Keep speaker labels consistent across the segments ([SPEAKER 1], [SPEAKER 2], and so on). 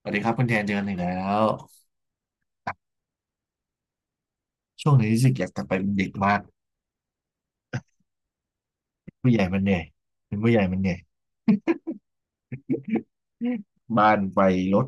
[SPEAKER 1] สวัสดีครับคุณแทนเจอกันอีกแล้วอ่ะช่วงนี้รู้สึกอยากกลับไปเป็นเด็กมากผู้ใหญ่มันเหนื่อยเป็นผู้ใหญ่มันเหนื่อยบ้านไฟรถ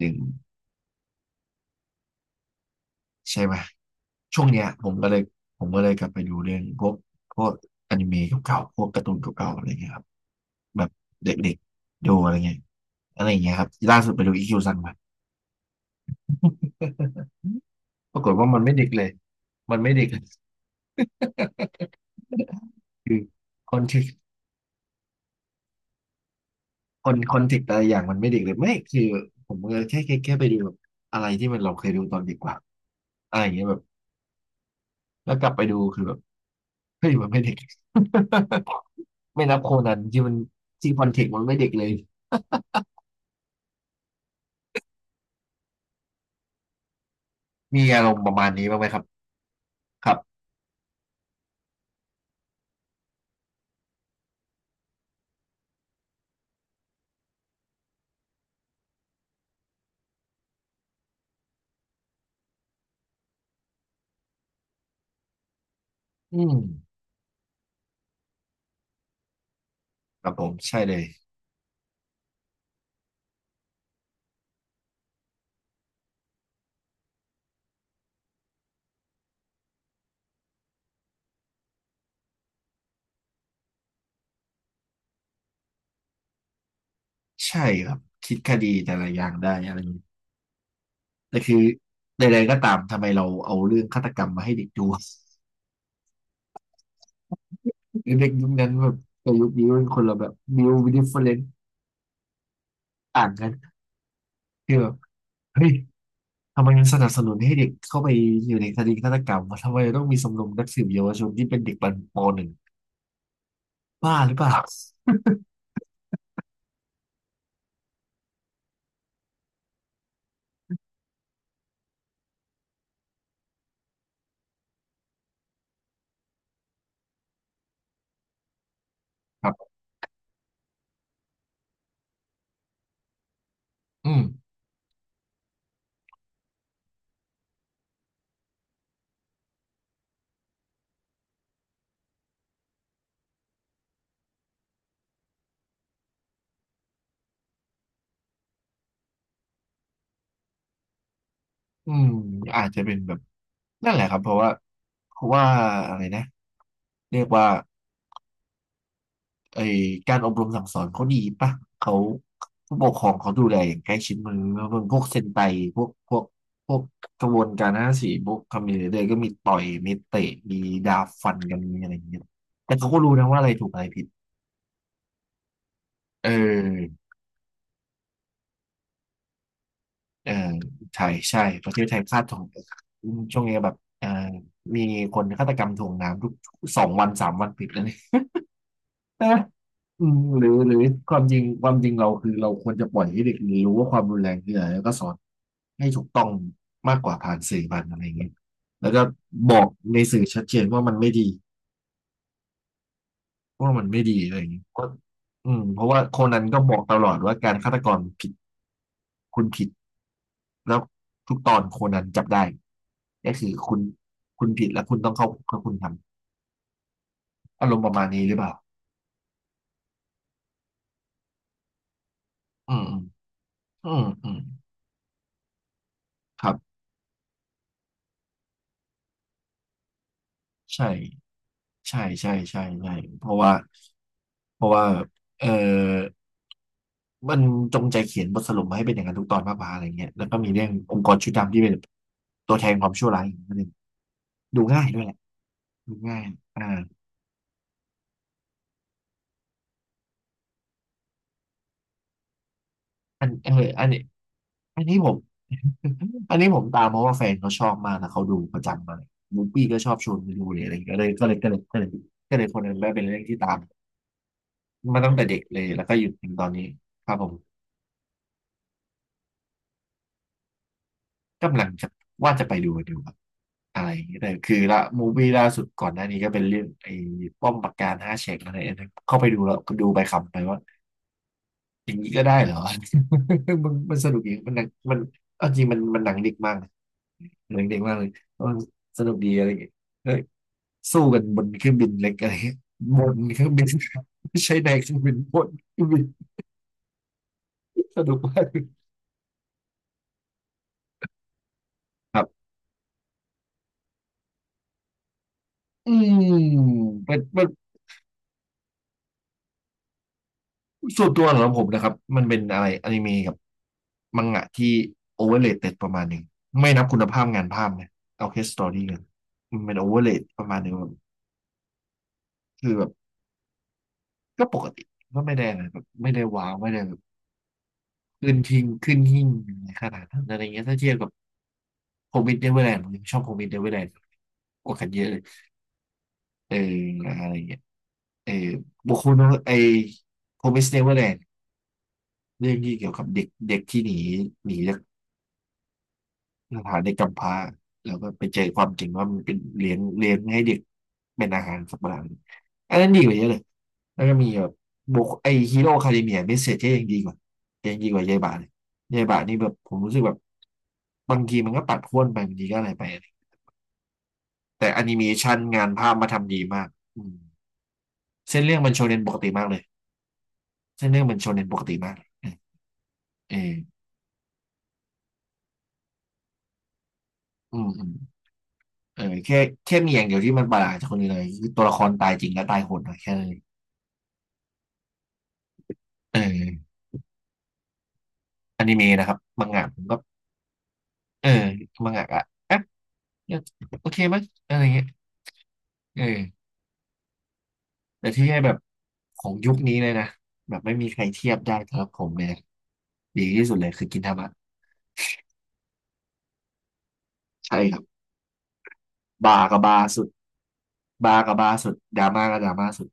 [SPEAKER 1] ถึงใช่ไหมช่วงเนี้ยผมก็เลยกลับไปดูเรื่องพวกอนิเมะเก่าๆพวกการ์ตูนเก่าๆอะไรเงี้ยครับแบบเด็กๆดูอะไรเงี้ยอะไรอย่างเงี้ยครับล่าสุดไปดูอีคิวซังมาปรากฏว่ามันไม่เด็กเลยมันไม่เด็กเลยคือคอนเทกต์คนคอนเทกต์อะไรอย่างมันไม่เด็กเลยไม่คือผมก็แค่ไปดูแบบอะไรที่มันเราเคยดูตอนเด็กกว่าอะไรอย่างเงี้ยแบบ แล้วกลับไปดูคือแบบเฮ้ยมันไม่เด็ก ไม่นับโคนันที่มันที่คอนเทกต์มันไม่เด็กเลยมีอารมณ์ประมาณนี้บ้างไหมครับครับอืมครับผมใช่เลยใช่ครับคิดคดีแต่ละอย่างได้อะไรอย่างนี้แต่คือใดๆก็ตามทำไมเราเอาเรื่องฆาตกรรมมาให้เด็กดู เด็กยุคนั้นแบบกับยุคนี้เป็นคนละแบบบิวดิฟเฟอเรนต์ต่างกันคือแบบเฮ้ยทำไมมันสนับสนุนให้เด็กเข้าไปอยู่ในคดีฆาตกรรมวะทำไมต้องมีสมรมนักสืบเยาวชนที่เป็นเด็กปหนึ่งบ้าหรือเปล่าครับ อืมอืมอาจจะเป็นแบบนั่นแหละครับเพราะว่าอะไรนะเรียกว่าไอการอบรมสั่งสอนเขาดีปะเขาผู้ปกครองเขาดูแลอย่างใกล้ชิดมือแล้วพวกเซนไตพวกพวกพวกกระบวนการห้าสี่พวกคามิเนเดอร์ก็มีต่อยมีเตะมีดาบฟันกันมีอะไรอย่างเงี้ยแต่เขาก็รู้นะว่าอะไรถูกอะไรผิดเออ เออใช่ใช่ประเทศไทยพลาดทองอืมช่วงนี้แบบเออมีคนฆาตกรรมถ่วงน้ำทุกสองวันสามวันติดแล้วเนี่ย เอออืมหรือความจริงเราคือเราควรจะปล่อยให้เด็กเรียนรู้ว่าความรุนแรงคืออะไรแล้วก็สอนให้ถูกต้องมากกว่าผ่านสื่อผ่านอะไรอย่างเงี้ยแล้วก็บอกในสื่อชัดเจนว่ามันไม่ดีอะไรอย่างเงี้ยก็อืมเพราะว่าโคนันก็บอกตลอดว่าการฆาตกรผิดคุณผิด แล้วทุกตอนโคนันจับได้ก็คือคุณคุณผิดแล้วคุณต้องเข้าคุกถ้าคุณทำอารมณ์ประมาณนี้หรือเปล่าอืมอืมครับใช่ใช่ใช่ใช่ใช่เพราะว่าเพราะว่าเออมันจงใจเขียนบทสรุปมาให้เป็นอย่างนั้นทุกตอนมากกว่าอะไรเงี้ยแล้วก็มีเรื่ององค์กรชุดดำที่เป็นตัวแทนความชั่วร้ายอีกนิดนึงดูง่ายด้วยแหละดูง่ายอ่าอันเอออัน อันนี้ผม อันนี้ผมตามเพราะว่าแฟนเขาชอบมากนะเขาดูประจำมาเลยมูฟี้ก็ชอบชวนไปดูเลยอะไรอย่างเงี้ยก็เลยก็เลยก็เลยก็เลยก็เลยคนนั้นได้เป็นเรื่องที่ตามมาตั้งแต่เด็กเลยแล้วก็หยุดถึงตอนนี้ครับผมกำลังจะว่าจะไปดูครับอะไรอย่างเงี้ยแต่คือละมูฟวี่ล่าสุดก่อนหน้านี้ก็เป็นเรื่องไอ้ป้อมปราการห้าแฉกอะไรอันนั้นเข้าไปดูแล้วก็ดูไปขำไปว่าอย่างนี้ก็ได้เหรอ มันสนุกดีมันหนังมันเอาจริงมันหนังเด็กมากนะหนังเด็กมากเลยเออสนุกดีอะไรอย่างเงี้ย สู้กันบนเครื่องบินเล็กอะไรเงี้ยบนเครื่องบิน ไม่ใช่ในเครื่องบินบนเครื่องบินสนุกมากครับอืมเป็นส่วนตัวของผมนะครับมันเป็นอะไรอนิเมะกับมังงะที่โอเวอร์เลเต็ดประมาณหนึ่งไม่นับคุณภาพงานภาพนะเอาแค่สตอรี่เลยมันเป็นโอเวอร์เลประมาณหนึ่งแบบคือแบบก็ปกติก็ไม่ได้อะไรแบบไม่ได้ว้าวไม่ได้แบบขึ้นทิ้งขึ้นหิ้งขนาดนั้นอะไรเงี้ยถ้าเทียบกับโฮม e ดเ n เวอร์แลนด์ผมยังชอบโฮม e ดเ n เวอร์แลนด์กว่ากันเยอะเลย เอออะไรเงี้ยเออบุคคลไอโ m มิสเนเวอร์แลนด์เรื่องที่เกี่ยวกับเด็กเด็กที่หนีจากสถานเด็กกำพร้าแล้วก็ไปเจอความจริงว่ามันเป็นเลี้ยงให้เด็กเป็นอาหารสัตว์ประหลาดอันนั้นดีกว่าเยอะเลยแล้วก็มีแบบบุคไอฮีโร่คาเดเมียเมสเซจยังดีกว่ายังดีกว่ายายบาเลยยายบานี่แบบผมรู้สึกแบบบางทีมันก็ปัดพ่วนไปบางทีก็อะไรไปแต่แอนิเมชันงานภาพมาทำดีมากอืมเส้นเรื่องมันโชเนนปกติมากเลย เส้นเรื่องเป็นโชเน็นปกติมากเอออืมเออแค่แค่มีอย่างเดียวที่มันประหลาดจากคนอื่นเลยคือตัวละครตายจริงและตายโหดหน่อยแค่นั้นเลยเอออนิเมะนะครับมังงะผมก็เออมังงะอะเอ๊ะโอเคมั้ยอะไรเงี้ยเออแต่ที่ให้แบบของยุคนี้เลยนะแบบไม่มีใครเทียบได้สำหรับผมเลยนะดีที่สุดเลยคือกินทามะใช่ครับบากับบาสุดบากับบาสุดดราม่าก็ดราม่าสุด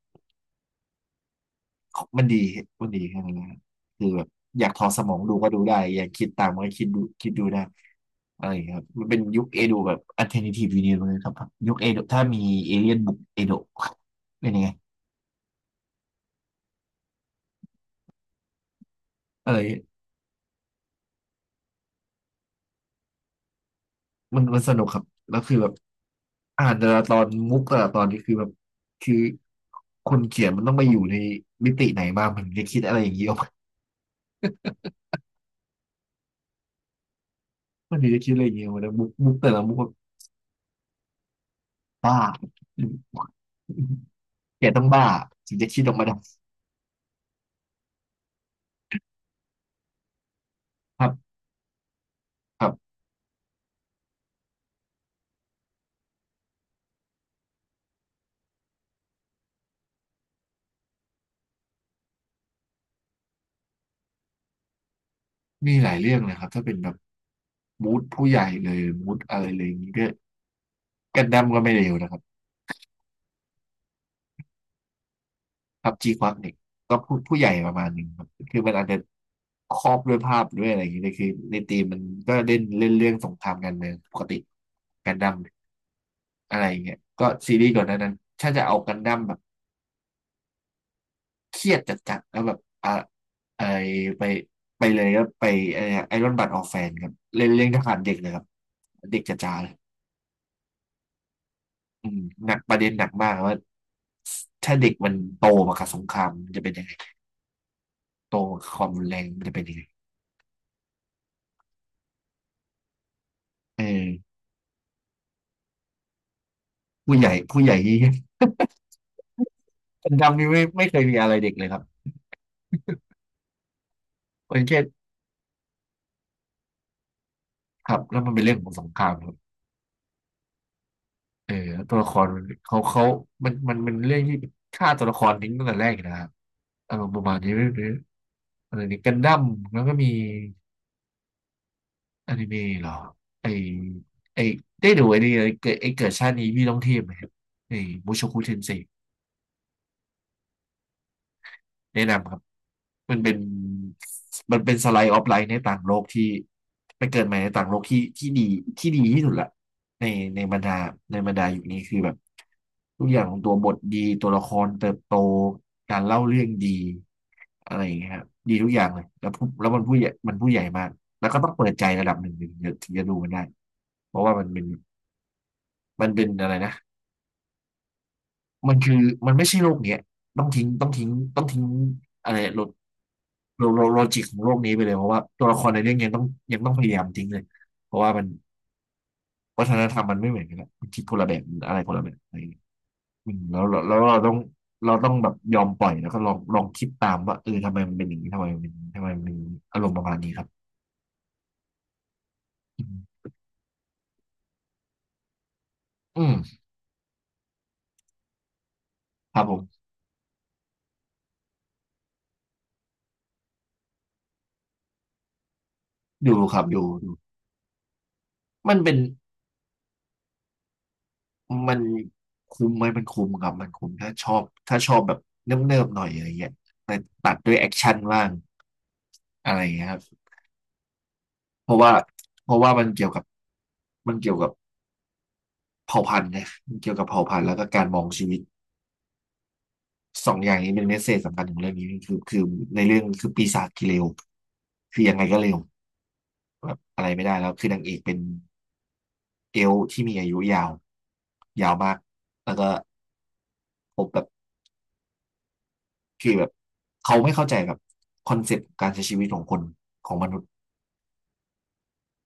[SPEAKER 1] ของมันดีมันดีแค่นั้นนะคือแบบอยากถอดสมองดูก็ดูได้ อยากคิดตามก็คิดดูได้อะไรอย่างเงี้ยครับมันเป็นยุคเอโดะแบบ alternative universe เลยครับยุคเอโดะถ้ามีเอเลี่ยนบุกเอโดะเป็นยังไงเออมันสนุกครับแล้วคือแบบอ่านแต่ละตอนมุกแต่ละตอนนี่คือแบบคือคนเขียนมันต้องไปอยู่ในมิติไหนบ้างมันถึงจะคิดอะไรอย่างเงี้ย ออกมามันถึงจะคิดอะไรอย่างเงี้ยออกมาแล้วมุกแต่ละมุกแบบบ้า แกต้องบ้าถึงจะคิดออกมาได้ครับครับ มีหลายเรื่องนะครับถ้าเป็นแบบมูดผู้ใหญ่เลยมูดอะไรเลยอย่างนี้ก็กันดั้มก็ไม่เลวนะครับพับจีควักเนี่ยก็พูดผู้ใหญ่ประมาณหนึ่งครับคือมันอาจจะครอบด้วยภาพด้วยอะไรอย่างนี้แต่คือในธีมมันก็เล่นเล่นเรื่องสงครามกันเมืองปกติกันดั้มอะไรอย่างเงี้ยก็ซีรีส์ก่อนหนานั้นถ้าจะเอากันดั้มแบบเครียดจัดๆแล้วแบบอ่ะไอไปไปเลยก็ไปไอรอนบัตออกแฟนครับเล่นเรื่องทหารเด็กเลยครับเด็กจ๋าๆเลย อืมหนักประเด็นหนักมากว่าถ้าเด็กมันโตมากับสงครามมันจะเป็นยังไงโตมากับความรุนแรงมันจะเป็นยังไงเออผู้ใหญ่ที่คนดำนี่ไม่เคยมีอะไรเด็กเลยครับเป็นแค่ครับแล้วมันเป็นเรื่องของสงครามครับเออแล้วตัวละครมันเขามันเรื่องที่ฆ่าตัวละครทิ้งตั้งแต่แรกอยู่นะครับอารมณ์ประมาณนี้หรืออะไรนี่กันดั้มแล้วก็มีอนิเมะเหรอไอไอได้ดูไอนี่ไอเกิดชาตินี้พี่ต้องเทียบไหมครับไอบูโชคุเทนเซ แนะนำครับมันเป็นมันเป็นสไลด์ออฟไลน์ในต่างโลกที่ไปเกิดใหม่ในต่างโลกที่ที่ดีที่ดีที่สุดละในในบรรดาในบรรดาอยู่นี้คือแบบทุกอย่างของตัวบทดีตัวละครเติบโตการเล่าเรื่องดีอะไรอย่างเงี้ยครับดีทุกอย่างเลยแล้วผู้แล้วมันผู้ใหญ่มากแล้วก็ต้องเปิดใจระดับหนึ่งถึงจะดูมันได้เพราะว่ามันเป็นอะไรนะมันคือมันไม่ใช่โลกเนี้ยต้องทิ้งต้องทิ้งต้องทิ้งอะไรลด โลจิกของโลกนี้ไปเลยเพราะว่าตัวละครในเรื่องยังต้องพยายามทิ้งเลยเพราะว่ามันวัฒนธรรมมันไม่เหมือนกันละมันคิดคนละแบบมันอะไรคนละแบบอะไรอย่างเงี้ยอืมแล้วเราต้องแบบยอมปล่อยแล้วก็ลองคิดตามว่าเออทำไมมันเป็นอย่างนี้ทำไมมันเป็นทำไมมันมีอารมณ์ประมาณนี้ครับอืมอืมครับผมดูครับมันเป็นมันคุ้มไหมมันคุ้มครับมันคุ้มถ้าชอบถ้าชอบแบบเนิบๆหน่อยอะไรเงี้ยแต่ตัดด้วยแอคชั่นบ้างอะไรเงี้ยครับเพราะว่าเพราะว่ามันเกี่ยวกับ มันเกี่ยวกับเผ่าพันธุ์นะมันเกี่ยวกับเผ่าพันธุ์แล้วก็การมองชีวิตสองอย่างนี้เป็นเมสเซจสำคัญของเรื่องนี้คือในเรื่องคือปีศาจกิเลวคือยังไงก็เร็วแบบอะไรไม่ได้แล้วคือนางเอกเป็นเอลฟ์ที่มีอายุยาวยาวมากแล้วก็พบแบบคือแบบเขาไม่เข้าใจแบบคอนเซปต์การใช้ชีวิตของคนของมนุษย์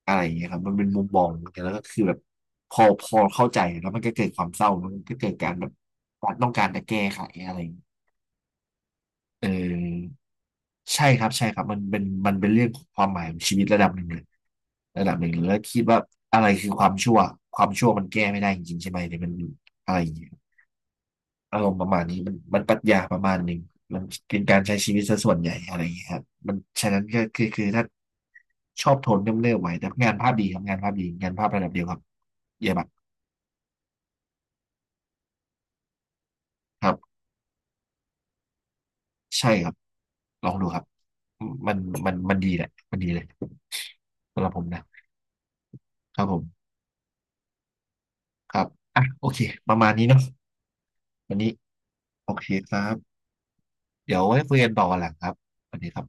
[SPEAKER 1] อะไรอย่างเงี้ยครับมันเป็นมุมมองแล้วก็คือแบบพอเข้าใจแล้วมันก็เกิดความเศร้ามันก็เกิดการแบบต้องการจะแก้ไขอะไรอย่างเงี้ย เออใช่ครับใช่ครับมันเป็นเรื่องของความหมายของชีวิตระดับหนึ่งเลยระดับหนึ่งเลยแล้วคิดว่าอะไรคือความชั่วความชั่วมันแก้ไม่ได้จริงๆใช่ไหมหรือมันอะไรอย่างเงี้ยอารมณ์ประมาณนี้มันปรัชญาประมาณหนึ่งมันเป็นการใช้ชีวิตซะส่วนใหญ่อะไรอย่างเงี้ยครับมันฉะนั้นก็คือถ้าชอบโทนเนิบๆไว้แต่งานภาพดีครับงานภาพดีงานภาพระดับเดียวครับเยี่ยมมากครับใช่ครับลองดูครับมันมันดีแหละมันดีเลยสำหรับผมนะครับผม ครับ อ่ะ โอเคประมาณนี้เนาะวันนี้ โอเคครับ เดี๋ยวไว้คุยกันต่อวันหลังครับ วันนี้ครับ